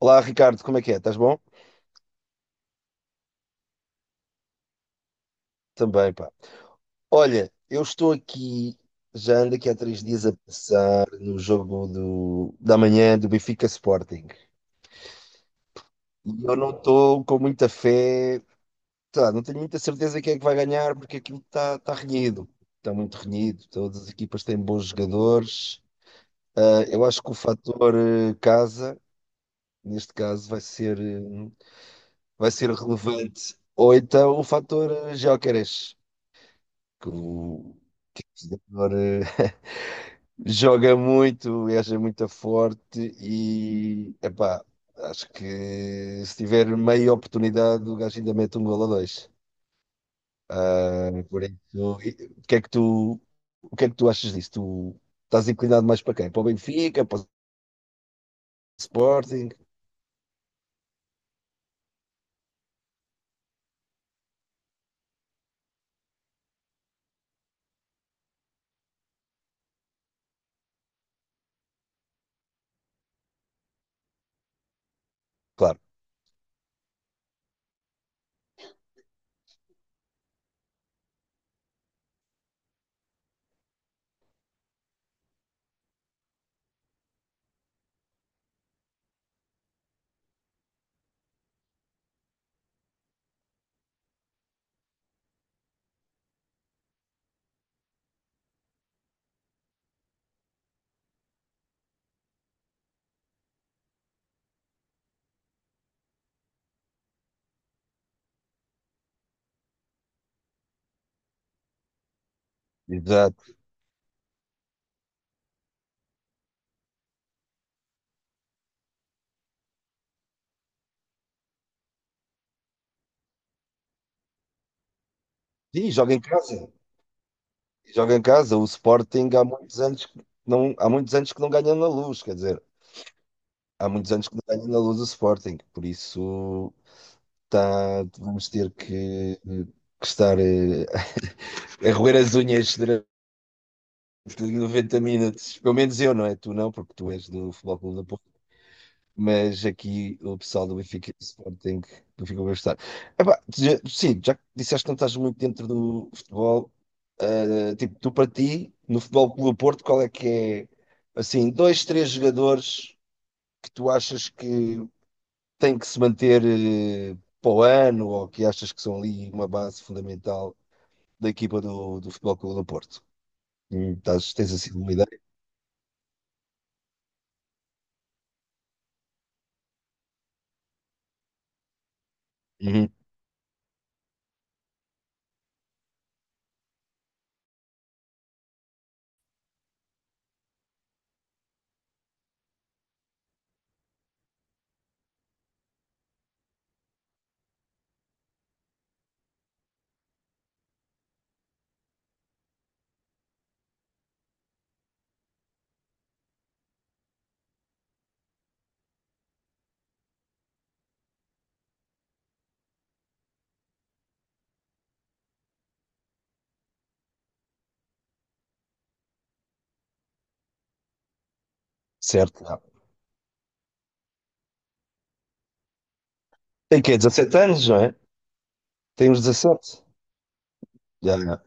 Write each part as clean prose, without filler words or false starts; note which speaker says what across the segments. Speaker 1: Olá, Ricardo, como é que é? Estás bom? Também, pá. Olha, eu estou aqui, já ando aqui há 3 dias a pensar no jogo da manhã do Benfica Sporting. E eu não estou com muita fé, sei lá, não tenho muita certeza quem é que vai ganhar, porque aquilo está renhido. Está muito renhido, todas as equipas têm bons jogadores. Ah, eu acho que o fator casa, neste caso, vai ser relevante. Ou então o fator Gyökeres, que o, que é o jogador. Joga muito, é muito forte e, epá, acho que se tiver meia oportunidade, o gajo ainda mete um golo ou dois. Ah, por isso, o que é que tu, o que é que tu achas disso? Tu estás inclinado mais para quem? Para o Benfica, para o Sporting? Claro, exato. Sim, joga em casa. Joga em casa. O Sporting há muitos anos que não ganha na Luz, quer dizer, há muitos anos que não ganha na Luz o Sporting. Por isso, tá, vamos ter que estar a roer as unhas durante 90 minutos. Pelo menos eu, não é? Tu não, porque tu és do Futebol Clube da Porto. Mas aqui o pessoal do Benfica e do Sporting, do Benfica vai estar. Epá, sim, já que disseste que não estás muito dentro do futebol. Tipo, tu para ti, no Futebol Clube do Porto, qual é que é, assim, dois, três jogadores que tu achas que têm que se manter para o ano, ou que achas que são ali uma base fundamental da equipa do Futebol Clube do Porto. Hum. Tens assim uma ideia? Uhum. Certo, não. Tem que 17 anos, não é? Tem uns 17. Já, já.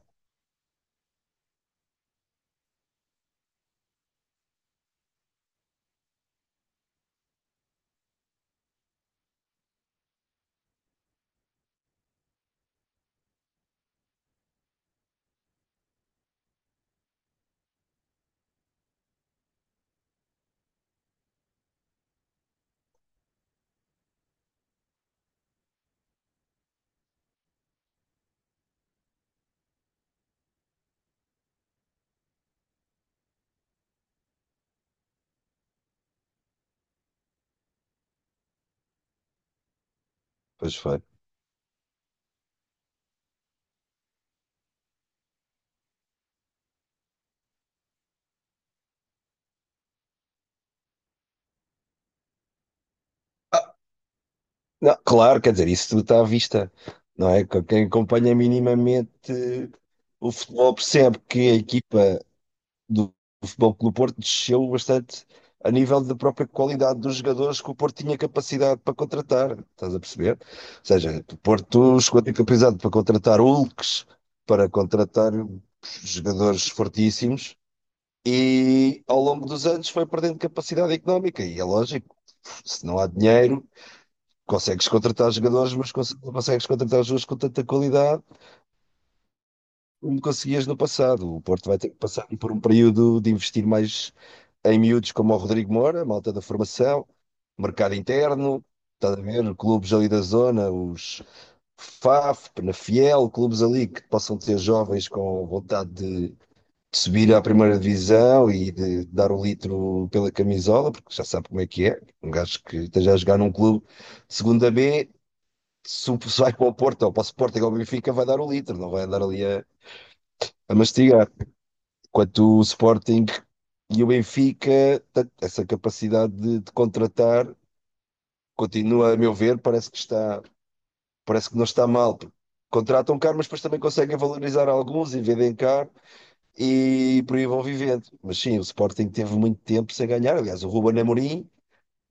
Speaker 1: Pois foi. Ah, não, claro, quer dizer, isso tudo está à vista, não é? Quem acompanha minimamente o futebol percebe que a equipa do do Futebol Clube do Porto desceu bastante a nível da própria qualidade dos jogadores que o Porto tinha capacidade para contratar. Estás a perceber? Ou seja, o Porto chegou a ter capacidade para contratar Hulks, para contratar jogadores fortíssimos, e ao longo dos anos foi perdendo capacidade económica. E é lógico, se não há dinheiro. Consegues contratar jogadores, mas não consegues contratar jogadores com tanta qualidade como conseguias no passado. O Porto vai ter que passar por um período de investir mais em miúdos como o Rodrigo Moura, malta da formação, mercado interno, estás a ver? Clubes ali da zona, os FAF, Penafiel, clubes ali que possam ter jovens com vontade de subir à primeira divisão e de dar o litro pela camisola, porque já sabe como é que é. Um gajo que esteja a jogar num clube de segunda B, se vai para o Porto ou para o Sporting ou o Benfica, vai dar o litro, não vai andar ali a mastigar. Quanto o Sporting e o Benfica, essa capacidade de contratar continua, a meu ver. Parece que não está mal, porque contratam caro, mas depois também conseguem valorizar alguns e vendem caro, e por aí vão vivendo. Mas sim, o Sporting teve muito tempo sem ganhar. Aliás, o Ruben Amorim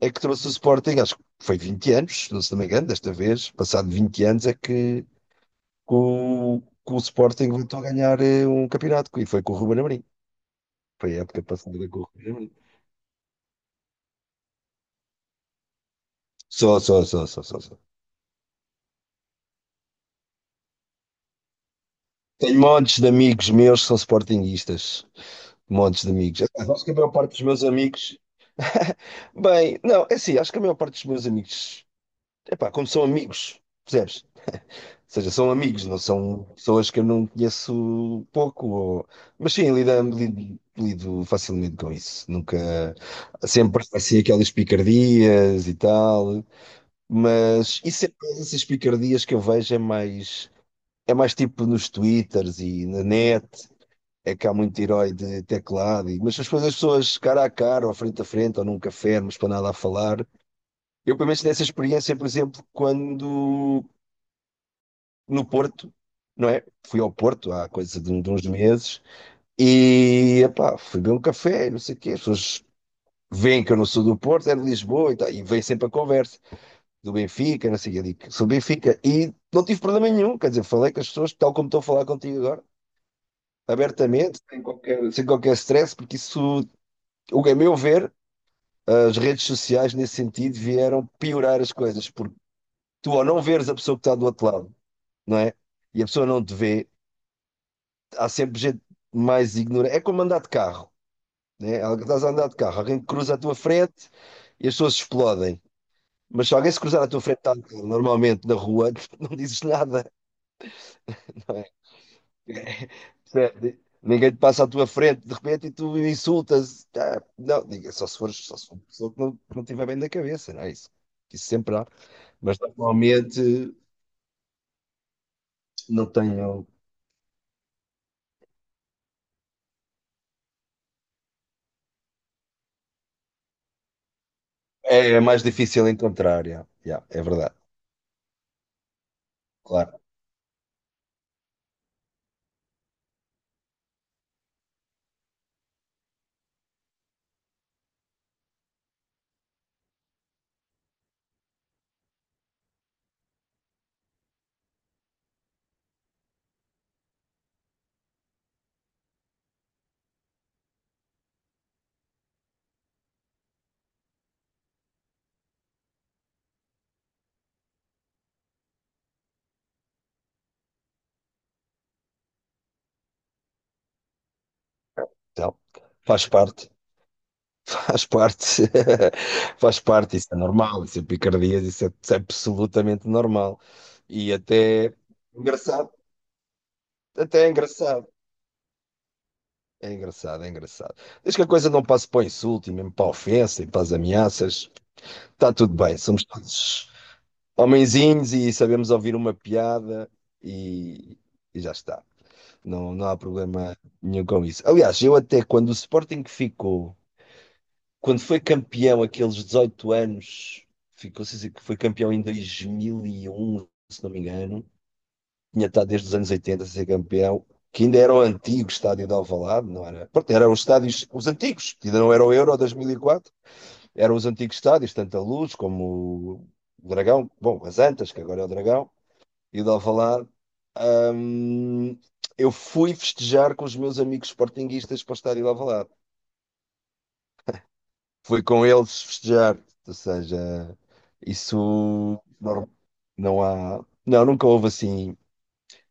Speaker 1: é que trouxe o Sporting, acho que foi 20 anos, não me engano, desta vez, passado 20 anos, é que o Sporting voltou a ganhar um campeonato. E foi com o Ruben Amorim. Foi a época passada com o Ruben Amorim. Só, só, só, só, só, só. Tenho montes de amigos meus que são sportinguistas. Montes de amigos. Epá, acho que a maior parte dos meus amigos. Bem, não, é assim, acho que a maior parte dos meus amigos. Epá, como são amigos, percebes? Ou seja, são amigos, não são pessoas que eu não conheço pouco. Mas sim, lido facilmente com isso. Nunca. Sempre assim aquelas picardias e tal. Mas isso é mais. Essas picardias que eu vejo é mais. É mais tipo nos Twitters e na net, é que há muito herói de teclado, mas depois as pessoas cara a cara, ou frente a frente, ou num café, numa esplanada a falar. Eu, pelo menos, tive essa experiência, por exemplo, quando no Porto, não é? Fui ao Porto há coisa de uns meses e, epá, fui beber um café, não sei o quê. As pessoas veem que eu não sou do Porto, é de Lisboa e tal, e vem sempre a conversa do Benfica, não sei o quê. Eu digo, sou do Benfica, e não tive problema nenhum, quer dizer, falei com as pessoas tal como estou a falar contigo agora, abertamente, sem qualquer stress, porque isso, o que é meu ver, as redes sociais, nesse sentido, vieram piorar as coisas, porque tu, ao não veres a pessoa que está do outro lado, não é? E a pessoa não te vê, há sempre gente mais ignorante. É como andar de carro, né? Estás a andar de carro, alguém cruza a tua frente e as pessoas explodem. Mas se alguém se cruzar à tua frente, tá, normalmente na rua, não dizes nada, não é? Percebe? Ninguém te passa à tua frente de repente e tu insultas. Ah, não, diga, só se for uma pessoa que não, estiver bem da cabeça, não é isso? Que isso sempre há. Mas normalmente não tenho. É mais difícil encontrar, yeah, yeah, é verdade, claro. Então, faz parte, faz parte, faz parte, isso é normal, isso é picardias, isso é absolutamente normal. E até engraçado, até é engraçado, é engraçado, é engraçado. Desde que a coisa não passe para o insulto e mesmo para a ofensa e para as ameaças, está tudo bem, somos todos homenzinhos e sabemos ouvir uma piada e, e já está. Não, não há problema nenhum com isso. Aliás, eu até quando o Sporting ficou, quando foi campeão aqueles 18 anos, ficou, se dizer que foi campeão em 2001, se não me engano, tinha estado desde os anos 80 a ser campeão, que ainda era o antigo estádio de Alvalade, não era? Pronto, eram os estádios, os antigos, que ainda não era o Euro 2004, eram os antigos estádios, tanto a Luz como o Dragão, bom, as Antas, que agora é o Dragão, e o de Alvalade. Hum, eu fui festejar com os meus amigos sportinguistas para o estádio de Alvalade. Fui com eles festejar, ou seja, isso nor- não, há, não,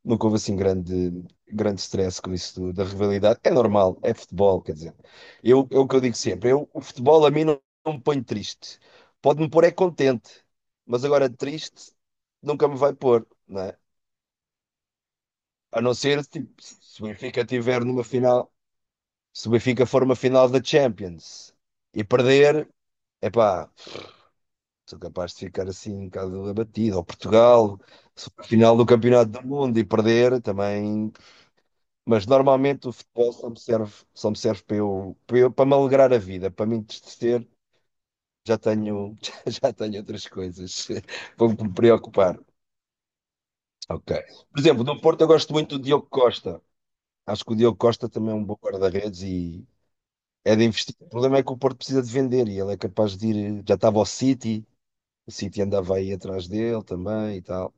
Speaker 1: nunca houve assim grande, grande stress com isso da rivalidade. É normal, é futebol, quer dizer. Eu, é o que eu digo sempre, eu, o futebol a mim não me põe triste. Pode-me pôr é contente, mas agora triste nunca me vai pôr, não é? A não ser tipo, se o Benfica estiver numa final. Se o Benfica for uma final da Champions e perder, epá, sou capaz de ficar assim um bocado abatido. Ou Portugal, se for a final do Campeonato do Mundo e perder também. Mas normalmente o futebol só me serve para me alegrar a vida, para me entristecer. Já tenho, já tenho outras coisas para me preocupar. Ok. Por exemplo, no Porto eu gosto muito do Diogo Costa. Acho que o Diogo Costa também é um bom guarda-redes, e é de investir. O problema é que o Porto precisa de vender e ele é capaz de ir. Já estava ao City, o City andava aí atrás dele também e tal.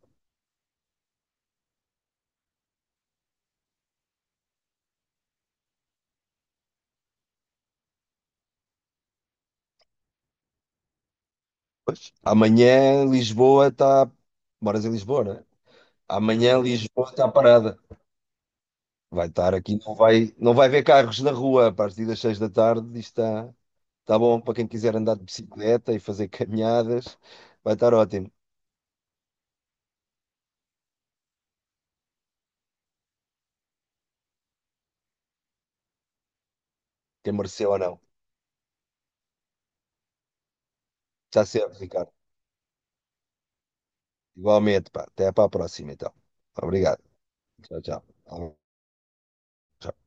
Speaker 1: Pois. Amanhã Lisboa está. Moras em Lisboa, né? Amanhã Lisboa está parada. Vai estar aqui, não vai, ver carros na rua a partir das 6 da tarde. Isto está bom para quem quiser andar de bicicleta e fazer caminhadas. Vai estar ótimo. Quem mereceu ou não. Está certo, Ricardo. Igualmente, pá. Até para a próxima, então. Obrigado. Tchau, tchau. Tchau.